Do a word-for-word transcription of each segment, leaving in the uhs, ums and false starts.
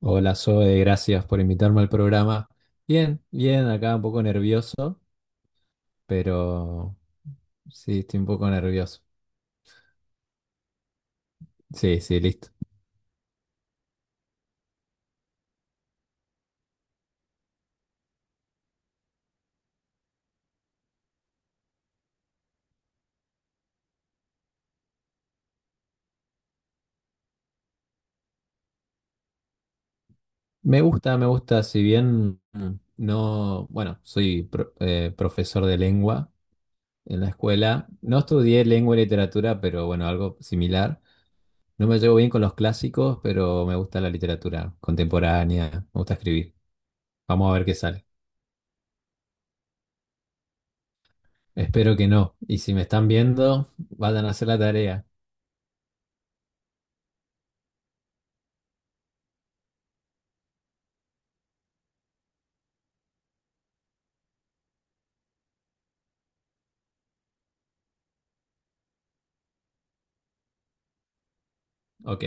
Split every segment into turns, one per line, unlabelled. Hola, Zoe, gracias por invitarme al programa. Bien, bien, acá un poco nervioso, pero sí, estoy un poco nervioso. Sí, sí, listo. Me gusta, me gusta, si bien mm, no, bueno, soy pro- eh, profesor de lengua en la escuela. No estudié lengua y literatura, pero bueno, algo similar. No me llevo bien con los clásicos, pero me gusta la literatura contemporánea, me gusta escribir. Vamos a ver qué sale. Espero que no. Y si me están viendo, vayan a hacer la tarea. Ok.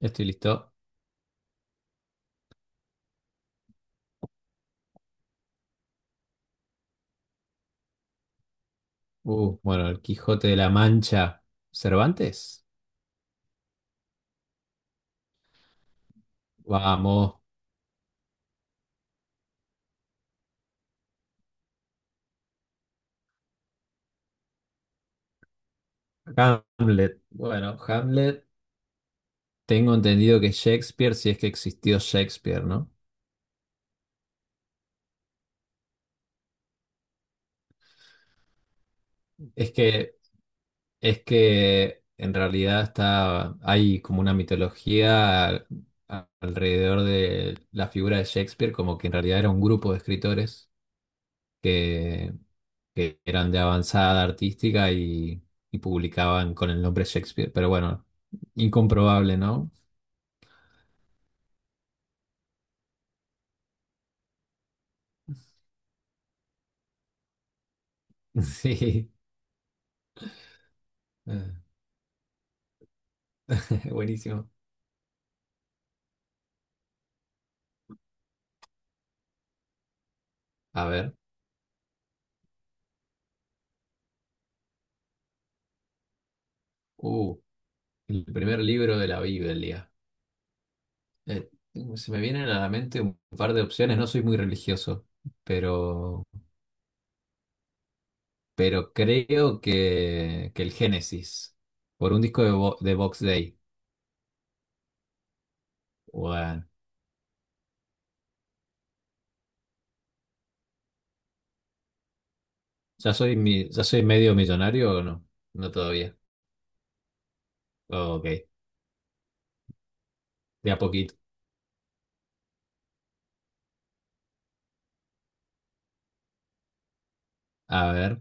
Estoy listo. Uh, bueno, el Quijote de la Mancha. ¿Cervantes? Vamos. Hamlet. Bueno, Hamlet. Tengo entendido que Shakespeare, si es que existió Shakespeare, ¿no? Es que, es que en realidad está, hay como una mitología al- a- alrededor de la figura de Shakespeare, como que en realidad era un grupo de escritores que, que eran de avanzada artística y, y publicaban con el nombre Shakespeare. Pero bueno, incomprobable, ¿no? Sí, eh, buenísimo. A ver, uh, el primer libro de la Biblia. Eh, Se me vienen a la mente un par de opciones, no soy muy religioso, pero, pero creo que, que el Génesis, por un disco de, Bo- de Box Day. Bueno, ¿ya soy, mi- ya soy medio millonario o no? No todavía. Ok. De a poquito. A ver.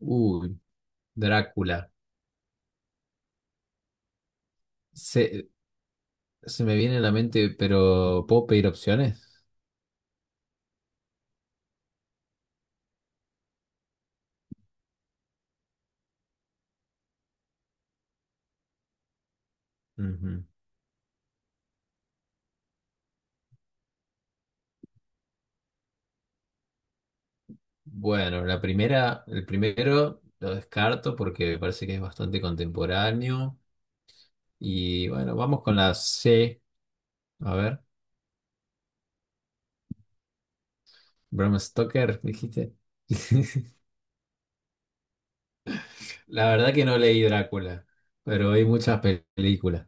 Uy, Drácula. Se, Se me viene a la mente, pero ¿puedo pedir opciones? Ujú. Bueno, la primera, el primero lo descarto porque me parece que es bastante contemporáneo. Y bueno, vamos con la C. A ver. Bram Stoker, dijiste. La verdad que no leí Drácula, pero hay muchas pel- películas.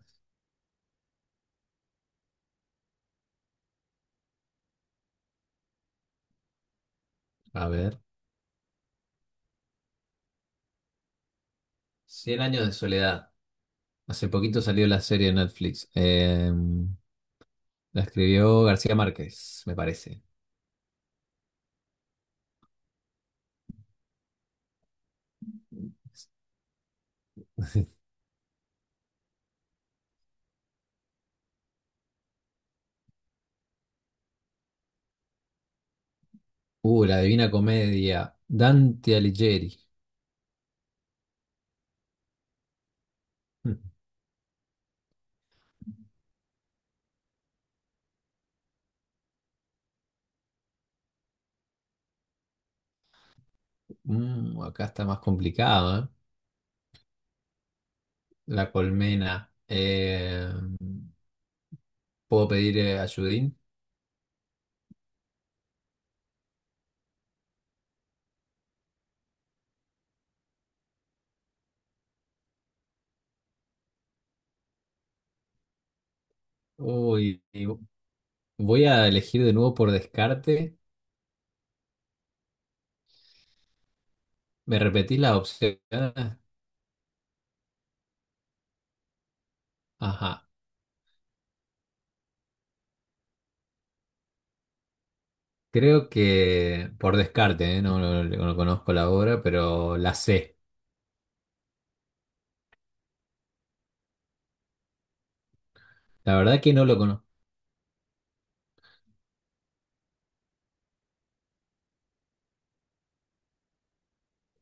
A ver. Cien años de soledad. Hace poquito salió la serie de Netflix. Eh, La escribió García Márquez, me parece. Uh, la Divina Comedia. Dante Alighieri. Mm, Mm, acá está más complicado, ¿eh? La colmena. Eh, ¿puedo pedir eh, ayudín? Uy, y voy a elegir de nuevo por descarte. ¿Me repetís las opciones? Ajá. Creo que por descarte, ¿eh? No, no- no no conozco la obra, pero la sé. La verdad que no lo conozco.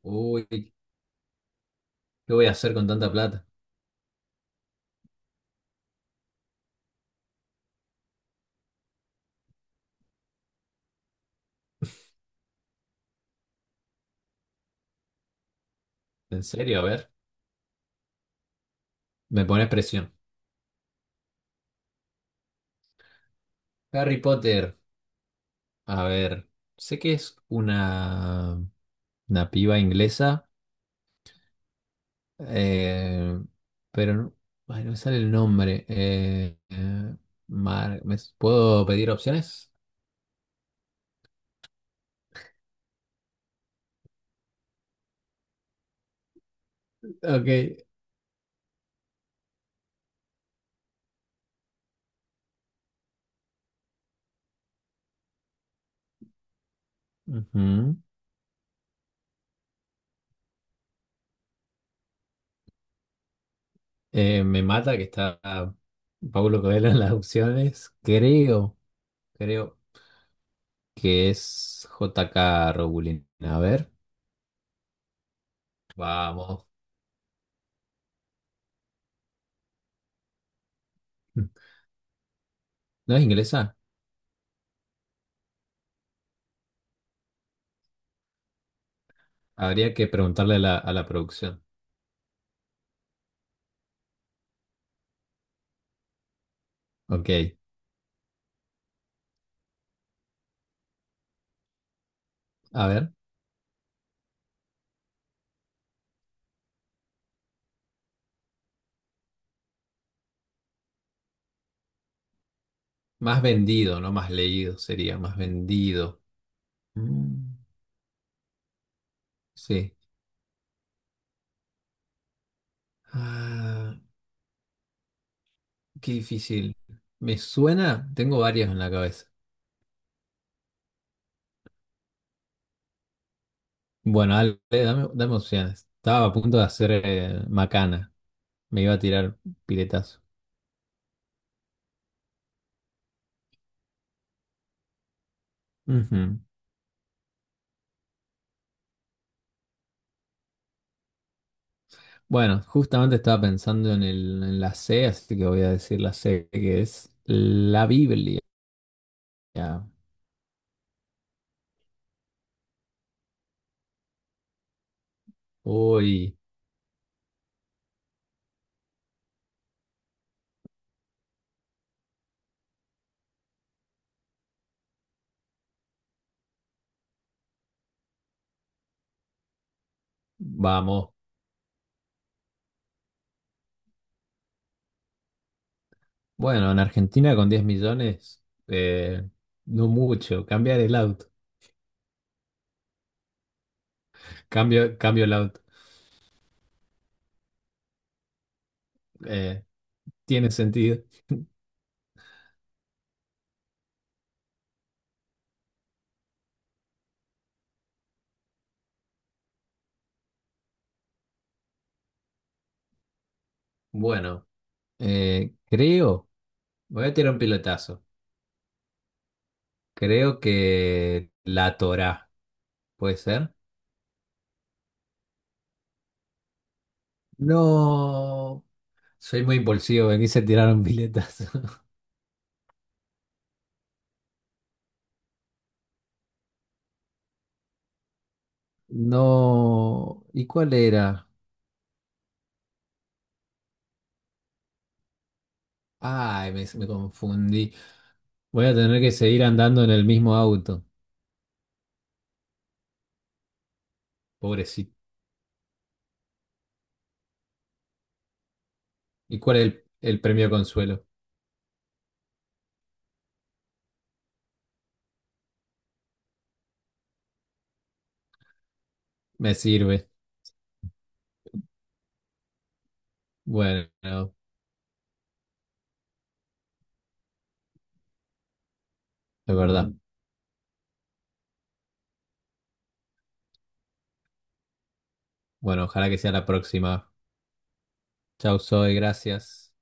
Uy, ¿qué voy a hacer con tanta plata? ¿En serio? A ver. Me pone presión. Harry Potter, a ver, sé que es una, una piba inglesa, eh, pero no, ay, no me sale el nombre. eh, eh, Mar- ¿me s- ¿puedo pedir opciones? Ok. Ujú. Eh, me mata que está Paulo Coelho en las opciones. Creo, creo que es J K Rowling. A ver, vamos. ¿No es inglesa? Habría que preguntarle a la, a la producción. Ok. A ver, más vendido, no más leído, sería más vendido. Mm, sí. Ah, qué difícil. Me suena, tengo varias en la cabeza. Bueno, dale, dame, dame opciones. Estaba a punto de hacer eh, macana. Me iba a tirar piletazo. Ujú. Bueno, justamente estaba pensando en el, en la C, así que voy a decir la C, que es la Biblia. Uy, vamos. Bueno, en Argentina con diez millones, eh, no mucho. Cambiar el auto. Cambio, cambio el auto. Eh, Tiene sentido. Bueno, eh, creo, voy a tirar un pilotazo. Creo que la Torá, ¿puede ser? No, soy muy impulsivo, me quise tirar un piletazo. No, ¿y cuál era? Ay, me, me confundí. Voy a tener que seguir andando en el mismo auto, pobrecito. ¿Y cuál es el, el premio consuelo? Me sirve. Bueno, es verdad. Mm. Bueno, ojalá que sea la próxima. Chau, Zoe, gracias.